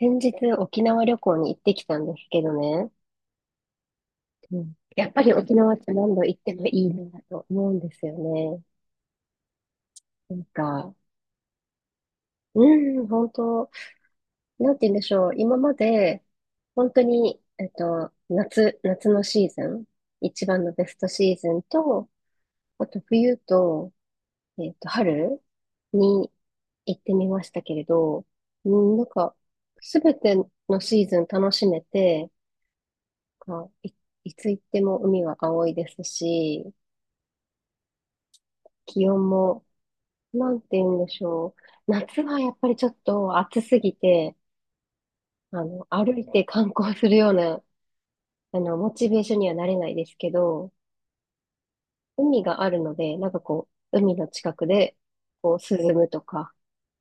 先日沖縄旅行に行ってきたんですけどね。うん、やっぱり沖縄って何度行ってもいいなと思うんですよね。なんか、うん、本当、なんて言うんでしょう。今まで、本当に、夏のシーズン、一番のベストシーズンと、あと冬と、春に行ってみましたけれど、うん、なんか、すべてのシーズン楽しめて、か、い、いつ行っても海は青いですし、気温も、なんて言うんでしょう。夏はやっぱりちょっと暑すぎて、歩いて観光するような、モチベーションにはなれないですけど、海があるので、海の近くで、こう、涼むとか、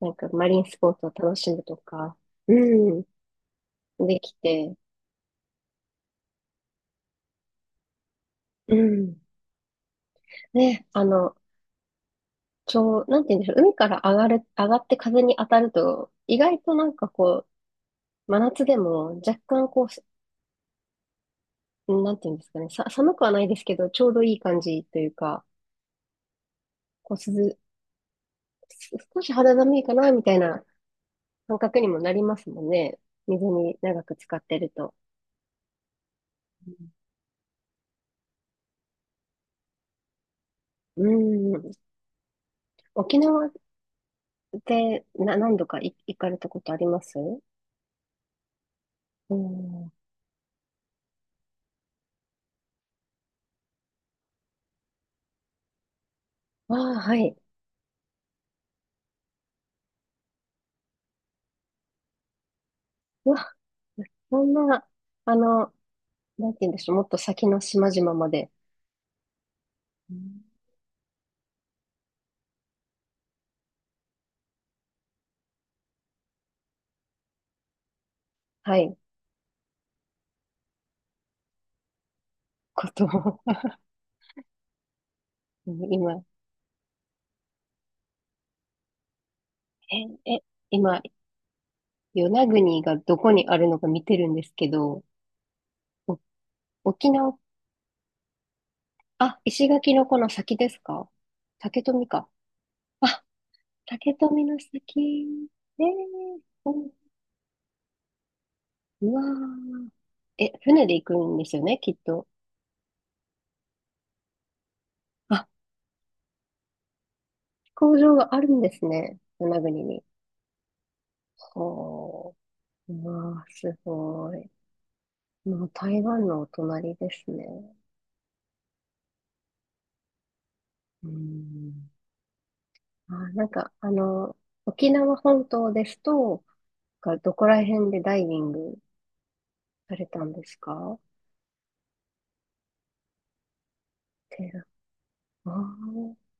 なんかマリンスポーツを楽しむとか、うん、できて、うん。ね、ちょう、なんて言うんでしょう、海から上がる、上がって風に当たると、意外となんかこう、真夏でも若干こう、なんていうんですかね、寒くはないですけど、ちょうどいい感じというか、こう、涼、少し肌寒いかな、みたいな感覚にもなりますもんね。水に長く使ってると。うん。うん。沖縄って何度か行かれたことあります？うん。ああ、はい。うわ、そんな、あの、なんて言うんでしょう、もっと先の島々まで、うん。はい、ことを、今、え、え、今、与那国がどこにあるのか見てるんですけど、お沖縄、あ、石垣のこの先ですか？竹富か。あ、竹富の先。えー、うん。うわー。え、船で行くんですよね、きっと。あ、工場があるんですね、与那国に。ほー。うわー、すごい。もう台湾のお隣ですね。うん。あ、なんか、沖縄本島ですと、がどこら辺でダイビングされたんですか？テラ、ああ、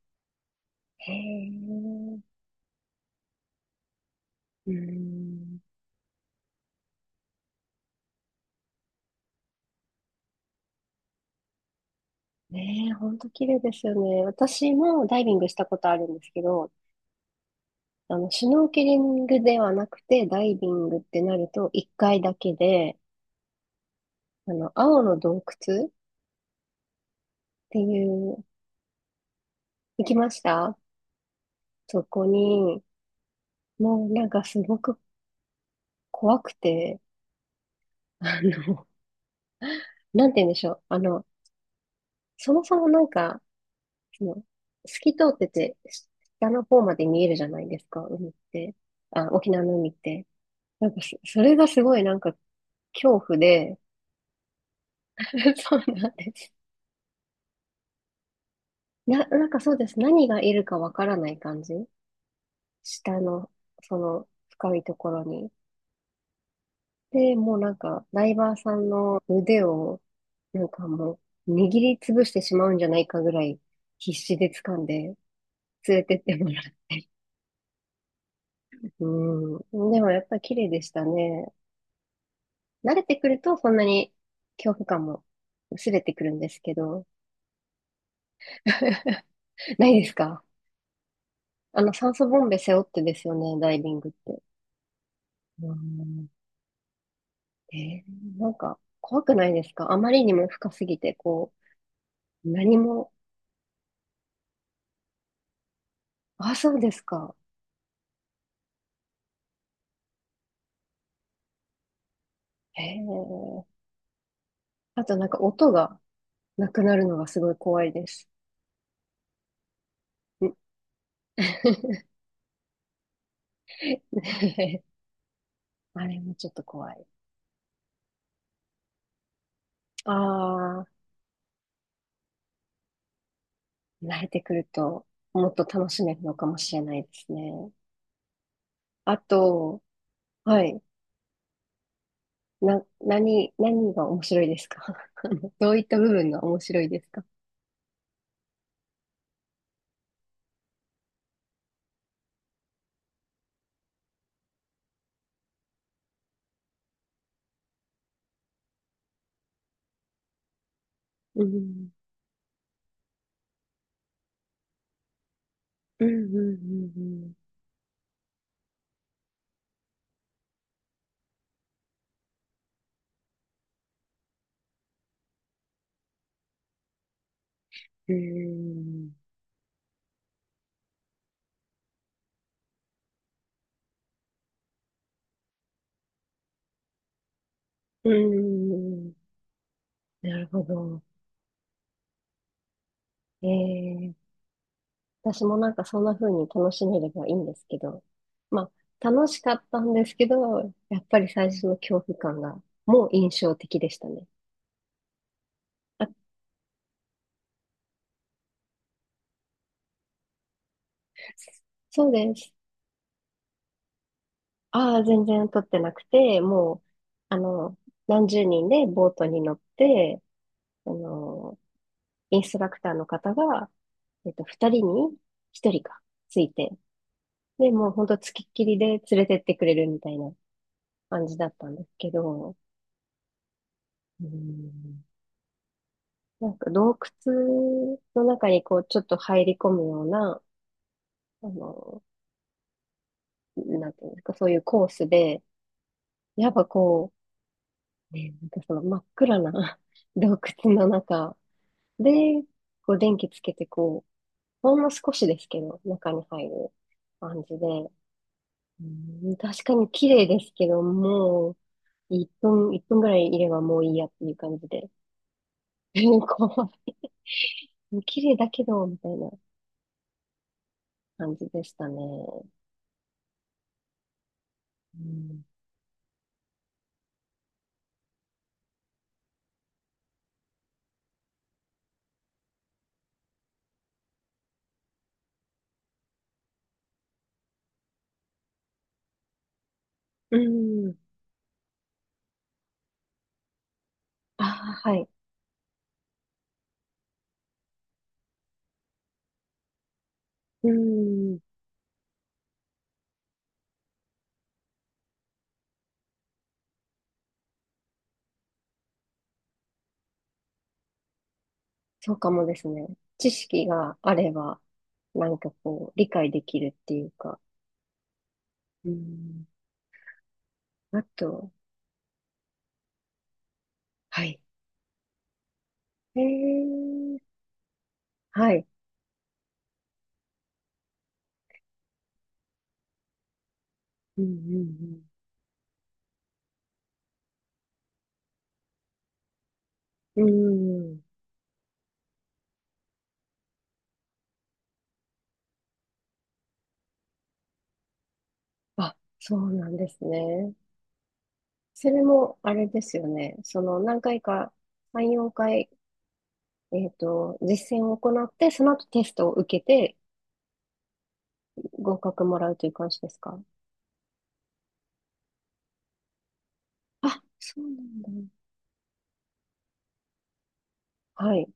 へえ、うん。ねえ、ほんと綺麗ですよね。私もダイビングしたことあるんですけど、シュノーケリングではなくて、ダイビングってなると、一回だけで、青の洞窟っていう、行きました。そこに、もうなんかすごく怖くて、あの、なんて言うんでしょう。そもそもその、透き通ってて、下の方まで見えるじゃないですか、海って。あ、沖縄の海って。それがすごいなんか恐怖で、そうなんです。なんかそうです。何がいるかわからない感じ。下の、その深いところに。で、もうなんか、ダイバーさんの腕を、なんかもう、握りつぶしてしまうんじゃないかぐらい、必死で掴んで、連れてってもらって。うん。でもやっぱり綺麗でしたね。慣れてくるとそんなに恐怖感も薄れてくるんですけど、ないですか？酸素ボンベ背負ってですよね、ダイビングって。うん。えー、なんか怖くないですか？あまりにも深すぎて、う、何も、あ、そうですか。へえ。あとなんか音がなくなるのがすごい怖いです。ん あれもちょっと怖い。ああ、慣れてくるともっと楽しめるのかもしれないですね。あと、はい。何が面白いですか？ どういった部分が面白いですか？うん。うん、うん、うん、うん。うん。うん。なるほど。えー、私もなんかそんな風に楽しめればいいんですけど、まあ、楽しかったんですけど、やっぱり最初の恐怖感がもう印象的でしたね。あ、そうです。ああ、全然撮ってなくて、もう、あの、何十人でボートに乗って、あの、インストラクターの方が、二人に一人か、ついて、で、もうほんとつきっきりで連れてってくれるみたいな感じだったんですけど、うん、なんか洞窟の中にこう、ちょっと入り込むような、あの、なんていうんですか、そういうコースで、やっぱこう、ね、なんかその真っ暗な 洞窟の中で、こう電気つけてこう、ほんの少しですけど、中に入る感じで、うん、確かに綺麗ですけど、もう、1分、一分ぐらいいればもういいやっていう感じで。こう、綺麗だけど、みたいな感じでしたね。うん。うん。ああ、はい。うん。そうかもですね。知識があれば、なんかこう、理解できるっていうか。うん。あと、はい。えー、はい。うん、うん、うん。うん。あ、そうなんですね。それも、あれですよね。その、何回か、3、4回、実践を行って、その後テストを受けて、合格もらうという感じですか？あ、そうなんだ。はい。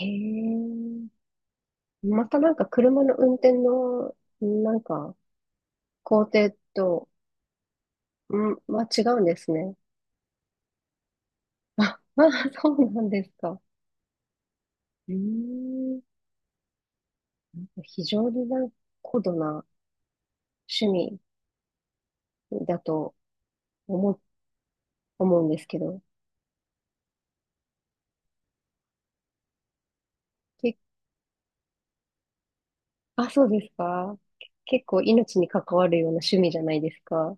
へえ。またなんか、車の運転の、なんか、工程と、うん、は違うんですね。あ、あ、そうなんですか。うーん。非常になんか高度な趣味だと思う、思うんですけど、ってあ、そうですか。結構命に関わるような趣味じゃないですか。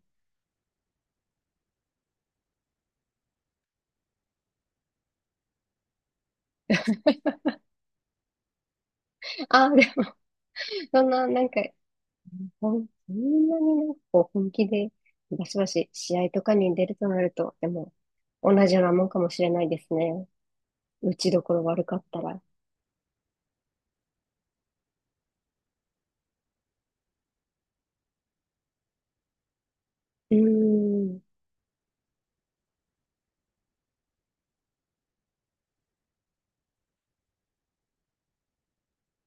あ、でも、そんな、なんか、ほん、そんなになんかこう本気で、バシバシ試合とかに出るとなると、でも、同じようなもんかもしれないですね。打ちどころ悪かったら。うーん、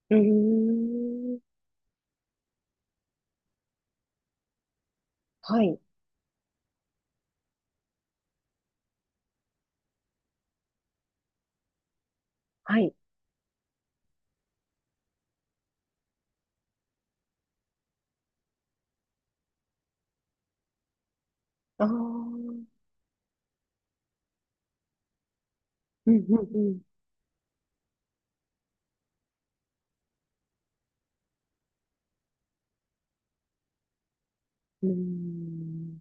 うーん、はい、はい。ああ、うん、うん、うん。うーん、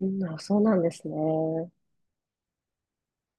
うん、あ、そうなんですね。